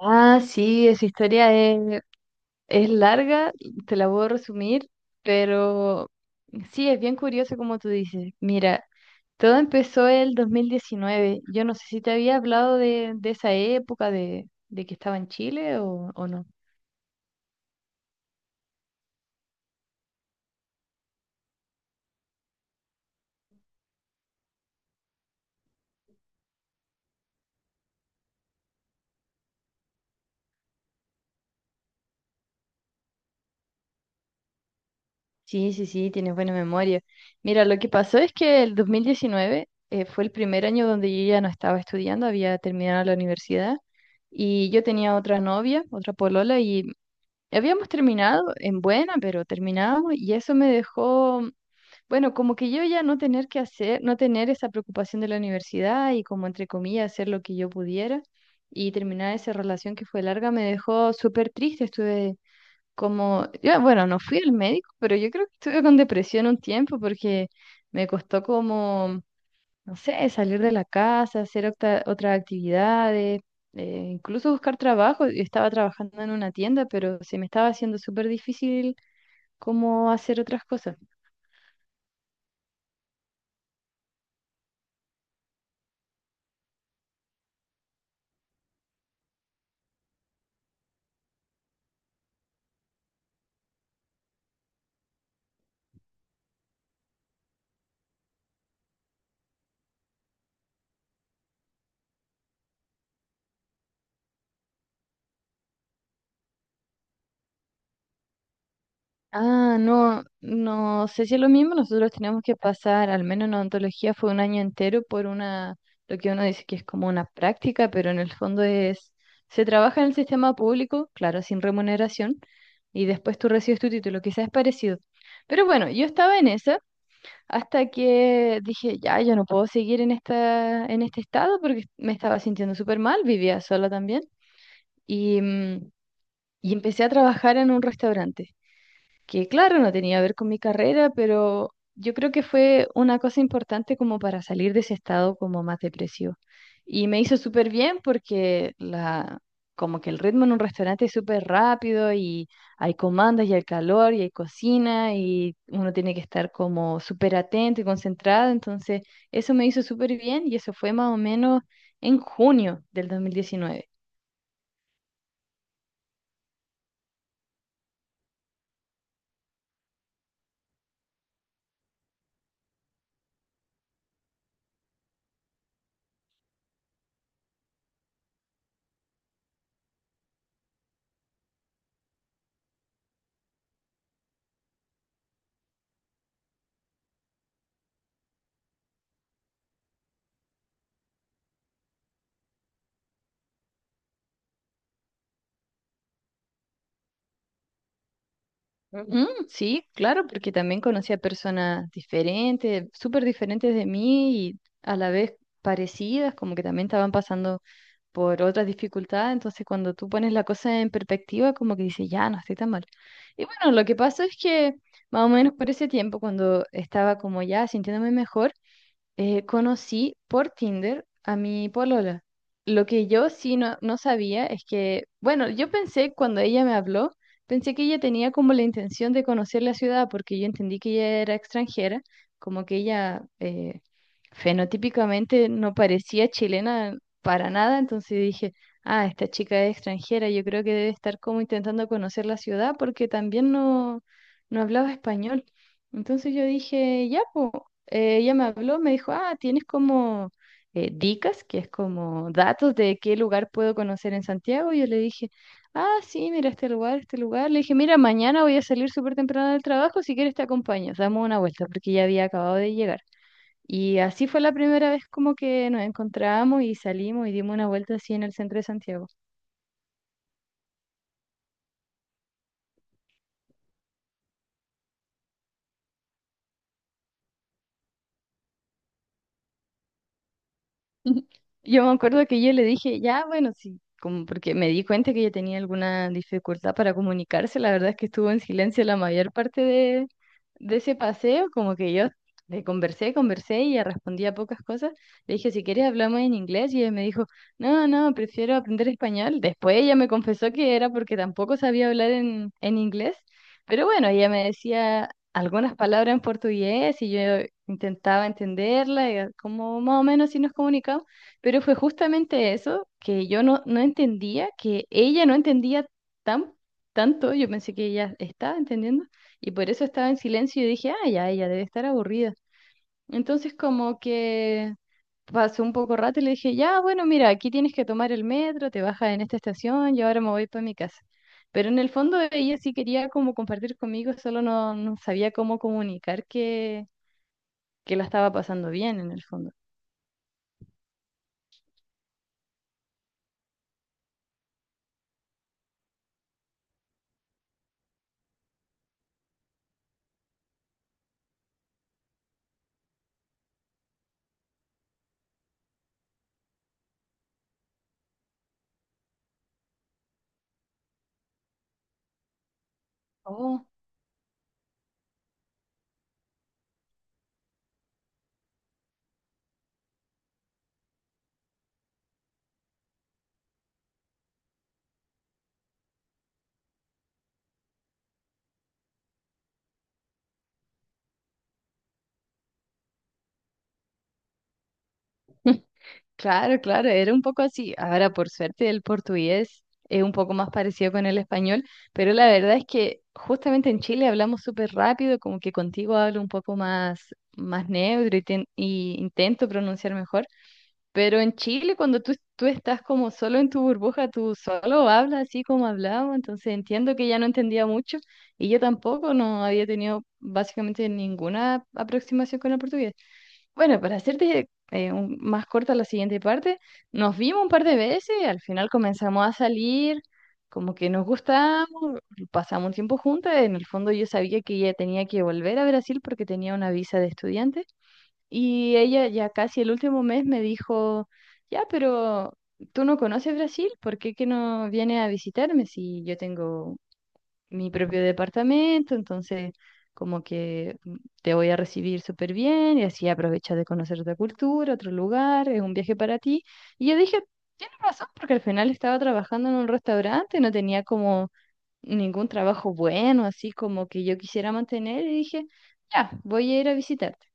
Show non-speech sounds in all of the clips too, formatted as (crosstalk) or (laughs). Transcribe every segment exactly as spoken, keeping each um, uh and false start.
Ah, sí, esa historia es, es larga, te la puedo resumir, pero sí, es bien curioso como tú dices. Mira, todo empezó el dos mil diecinueve. Yo no sé si te había hablado de, de esa época de, de que estaba en Chile o, o no. Sí, sí, sí, tienes buena memoria. Mira, lo que pasó es que el dos mil diecinueve eh, fue el primer año donde yo ya no estaba estudiando, había terminado la universidad y yo tenía otra novia, otra polola y habíamos terminado en buena, pero terminamos y eso me dejó, bueno, como que yo ya no tener que hacer, no tener esa preocupación de la universidad y como entre comillas hacer lo que yo pudiera, y terminar esa relación que fue larga me dejó súper triste. Estuve como, yo, bueno, no fui al médico, pero yo creo que estuve con depresión un tiempo porque me costó como, no sé, salir de la casa, hacer octa- otras actividades, eh, incluso buscar trabajo. Yo estaba trabajando en una tienda, pero se me estaba haciendo súper difícil cómo hacer otras cosas. Ah, no, no sé si es lo mismo. Nosotros teníamos que pasar, al menos en odontología, fue un año entero por una, lo que uno dice que es como una práctica, pero en el fondo es, se trabaja en el sistema público, claro, sin remuneración, y después tú recibes tu título, quizás es parecido. Pero bueno, yo estaba en esa. Hasta que dije, ya, yo no puedo seguir en esta, en este estado porque me estaba sintiendo súper mal, vivía sola también. Y mm, y empecé a trabajar en un restaurante que claro, no tenía que ver con mi carrera, pero yo creo que fue una cosa importante como para salir de ese estado como más depresivo. Y me hizo súper bien porque la, como que el ritmo en un restaurante es súper rápido y hay comandas y hay calor y hay cocina y uno tiene que estar como súper atento y concentrado. Entonces, eso me hizo súper bien y eso fue más o menos en junio del dos mil diecinueve. Ujú, sí, claro, porque también conocí a personas diferentes, súper diferentes de mí y a la vez parecidas, como que también estaban pasando por otras dificultades, entonces cuando tú pones la cosa en perspectiva, como que dices, ya, no estoy tan mal. Y bueno, lo que pasa es que más o menos por ese tiempo, cuando estaba como ya sintiéndome mejor, eh, conocí por Tinder a mi polola. Lo que yo sí no, no sabía es que, bueno, yo pensé cuando ella me habló, pensé que ella tenía como la intención de conocer la ciudad, porque yo entendí que ella era extranjera, como que ella eh, fenotípicamente no parecía chilena para nada, entonces dije, ah, esta chica es extranjera, yo creo que debe estar como intentando conocer la ciudad porque también no, no hablaba español. Entonces yo dije, ya, pues eh, ella me habló, me dijo, ah, tienes como eh, dicas, que es como datos de qué lugar puedo conocer en Santiago. Y yo le dije, ah, sí, mira este lugar, este lugar. Le dije, mira, mañana voy a salir súper temprano del trabajo, si quieres te acompaño, damos una vuelta, porque ya había acabado de llegar. Y así fue la primera vez como que nos encontramos y salimos y dimos una vuelta así en el centro de Santiago. (laughs) Yo me acuerdo que yo le dije, ya, bueno, sí, como porque me di cuenta que ella tenía alguna dificultad para comunicarse, la verdad es que estuvo en silencio la mayor parte de, de ese paseo, como que yo le conversé, conversé y ella respondía pocas cosas. Le dije, si quieres hablamos en inglés y ella me dijo, no, no, prefiero aprender español. Después ella me confesó que era porque tampoco sabía hablar en, en inglés, pero bueno, ella me decía algunas palabras en portugués y yo intentaba entenderla, y a- como más o menos si nos comunicamos, pero fue justamente eso que yo no, no entendía, que ella no entendía tan, tanto, yo pensé que ella estaba entendiendo y por eso estaba en silencio y dije, ah, ya, ella debe estar aburrida. Entonces como que pasó un poco rato y le dije, ya, bueno, mira, aquí tienes que tomar el metro, te bajas en esta estación y ahora me voy para mi casa. Pero en el fondo ella sí quería como compartir conmigo, solo no, no sabía cómo comunicar que, que la estaba pasando bien en el fondo. Oh, claro, claro, era un poco así. Ahora, por suerte, el portugués es un poco más parecido con el español, pero la verdad es que justamente en Chile hablamos súper rápido, como que contigo hablo un poco más, más neutro y, ten- y intento pronunciar mejor. Pero en Chile, cuando tú, tú estás como solo en tu burbuja, tú solo hablas así como hablamos, entonces entiendo que ya no entendía mucho y yo tampoco no había tenido básicamente ninguna aproximación con el portugués. Bueno, para hacerte eh, un- más corta la siguiente parte, nos vimos un par de veces, al final comenzamos a salir, como que nos gustamos, pasamos un tiempo juntas, en el fondo yo sabía que ella tenía que volver a Brasil porque tenía una visa de estudiante. Y ella ya casi el último mes me dijo, ya, pero tú no conoces Brasil, ¿por qué que no vienes a visitarme si yo tengo mi propio departamento? Entonces, como que mm, te voy a recibir súper bien y así aprovechas de conocer otra cultura, otro lugar, es un viaje para ti. Y yo dije, tienes razón, porque al final estaba trabajando en un restaurante, no tenía como ningún trabajo bueno, así como que yo quisiera mantener y dije, ya, voy a ir a visitarte.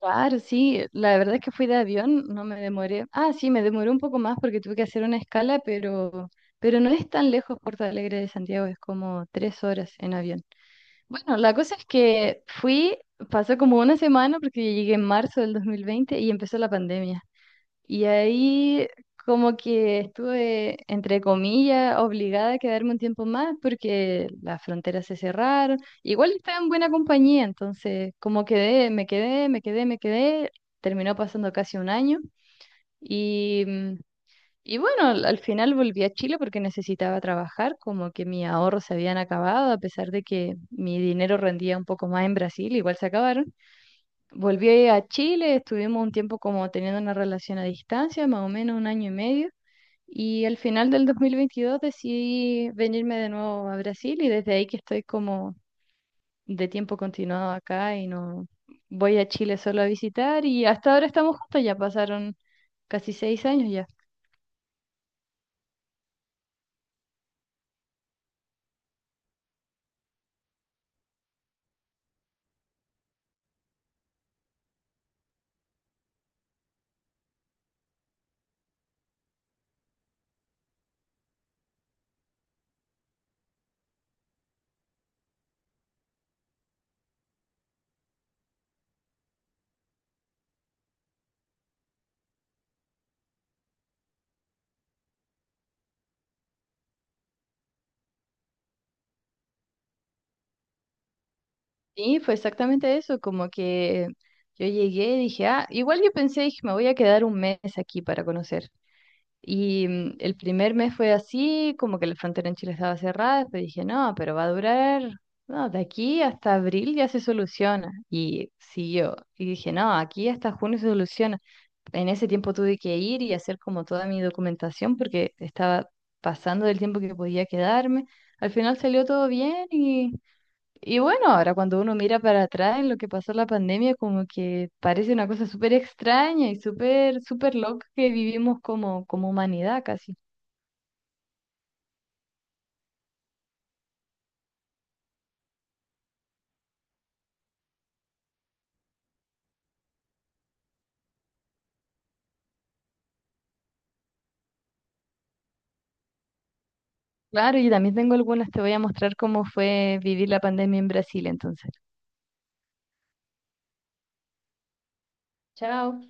Claro, sí, la verdad es que fui de avión, no me demoré. Ah, sí, me demoré un poco más porque tuve que hacer una escala, pero, pero no es tan lejos Porto Alegre de Santiago, es como tres horas en avión. Bueno, la cosa es que fui, pasó como una semana porque llegué en marzo del dos mil veinte y empezó la pandemia. Y ahí como que estuve, entre comillas, obligada a quedarme un tiempo más porque las fronteras se cerraron. Igual estaba en buena compañía, entonces como quedé, me quedé, me quedé, me quedé. Terminó pasando casi un año. Y mm, y bueno, al, al final volví a Chile porque necesitaba trabajar, como que mis ahorros se habían acabado, a pesar de que mi dinero rendía un poco más en Brasil, igual se acabaron. Volví a Chile, estuvimos un tiempo como teniendo una relación a distancia, más o menos un año y medio, y al final del dos mil veintidós decidí venirme de nuevo a Brasil y desde ahí que estoy como de tiempo continuado acá y no voy a Chile solo a visitar y hasta ahora estamos juntos, ya pasaron casi seis años ya. Sí, fue exactamente eso, como que yo llegué y dije, ah, igual yo pensé, dije, me voy a quedar un mes aquí para conocer. Y mm, el primer mes fue así, como que la frontera en Chile estaba cerrada, pero dije, no, pero va a durar, no, de aquí hasta abril ya se soluciona. Y siguió. Y dije, no, aquí hasta junio se soluciona. En ese tiempo tuve que ir y hacer como toda mi documentación porque estaba pasando del tiempo que podía quedarme. Al final salió todo bien y y bueno, ahora cuando uno mira para atrás en lo que pasó la pandemia, como que parece una cosa súper extraña y súper, súper loca que vivimos como, como humanidad casi. Claro, y también tengo algunas, te voy a mostrar cómo fue vivir la pandemia en Brasil entonces. Chao.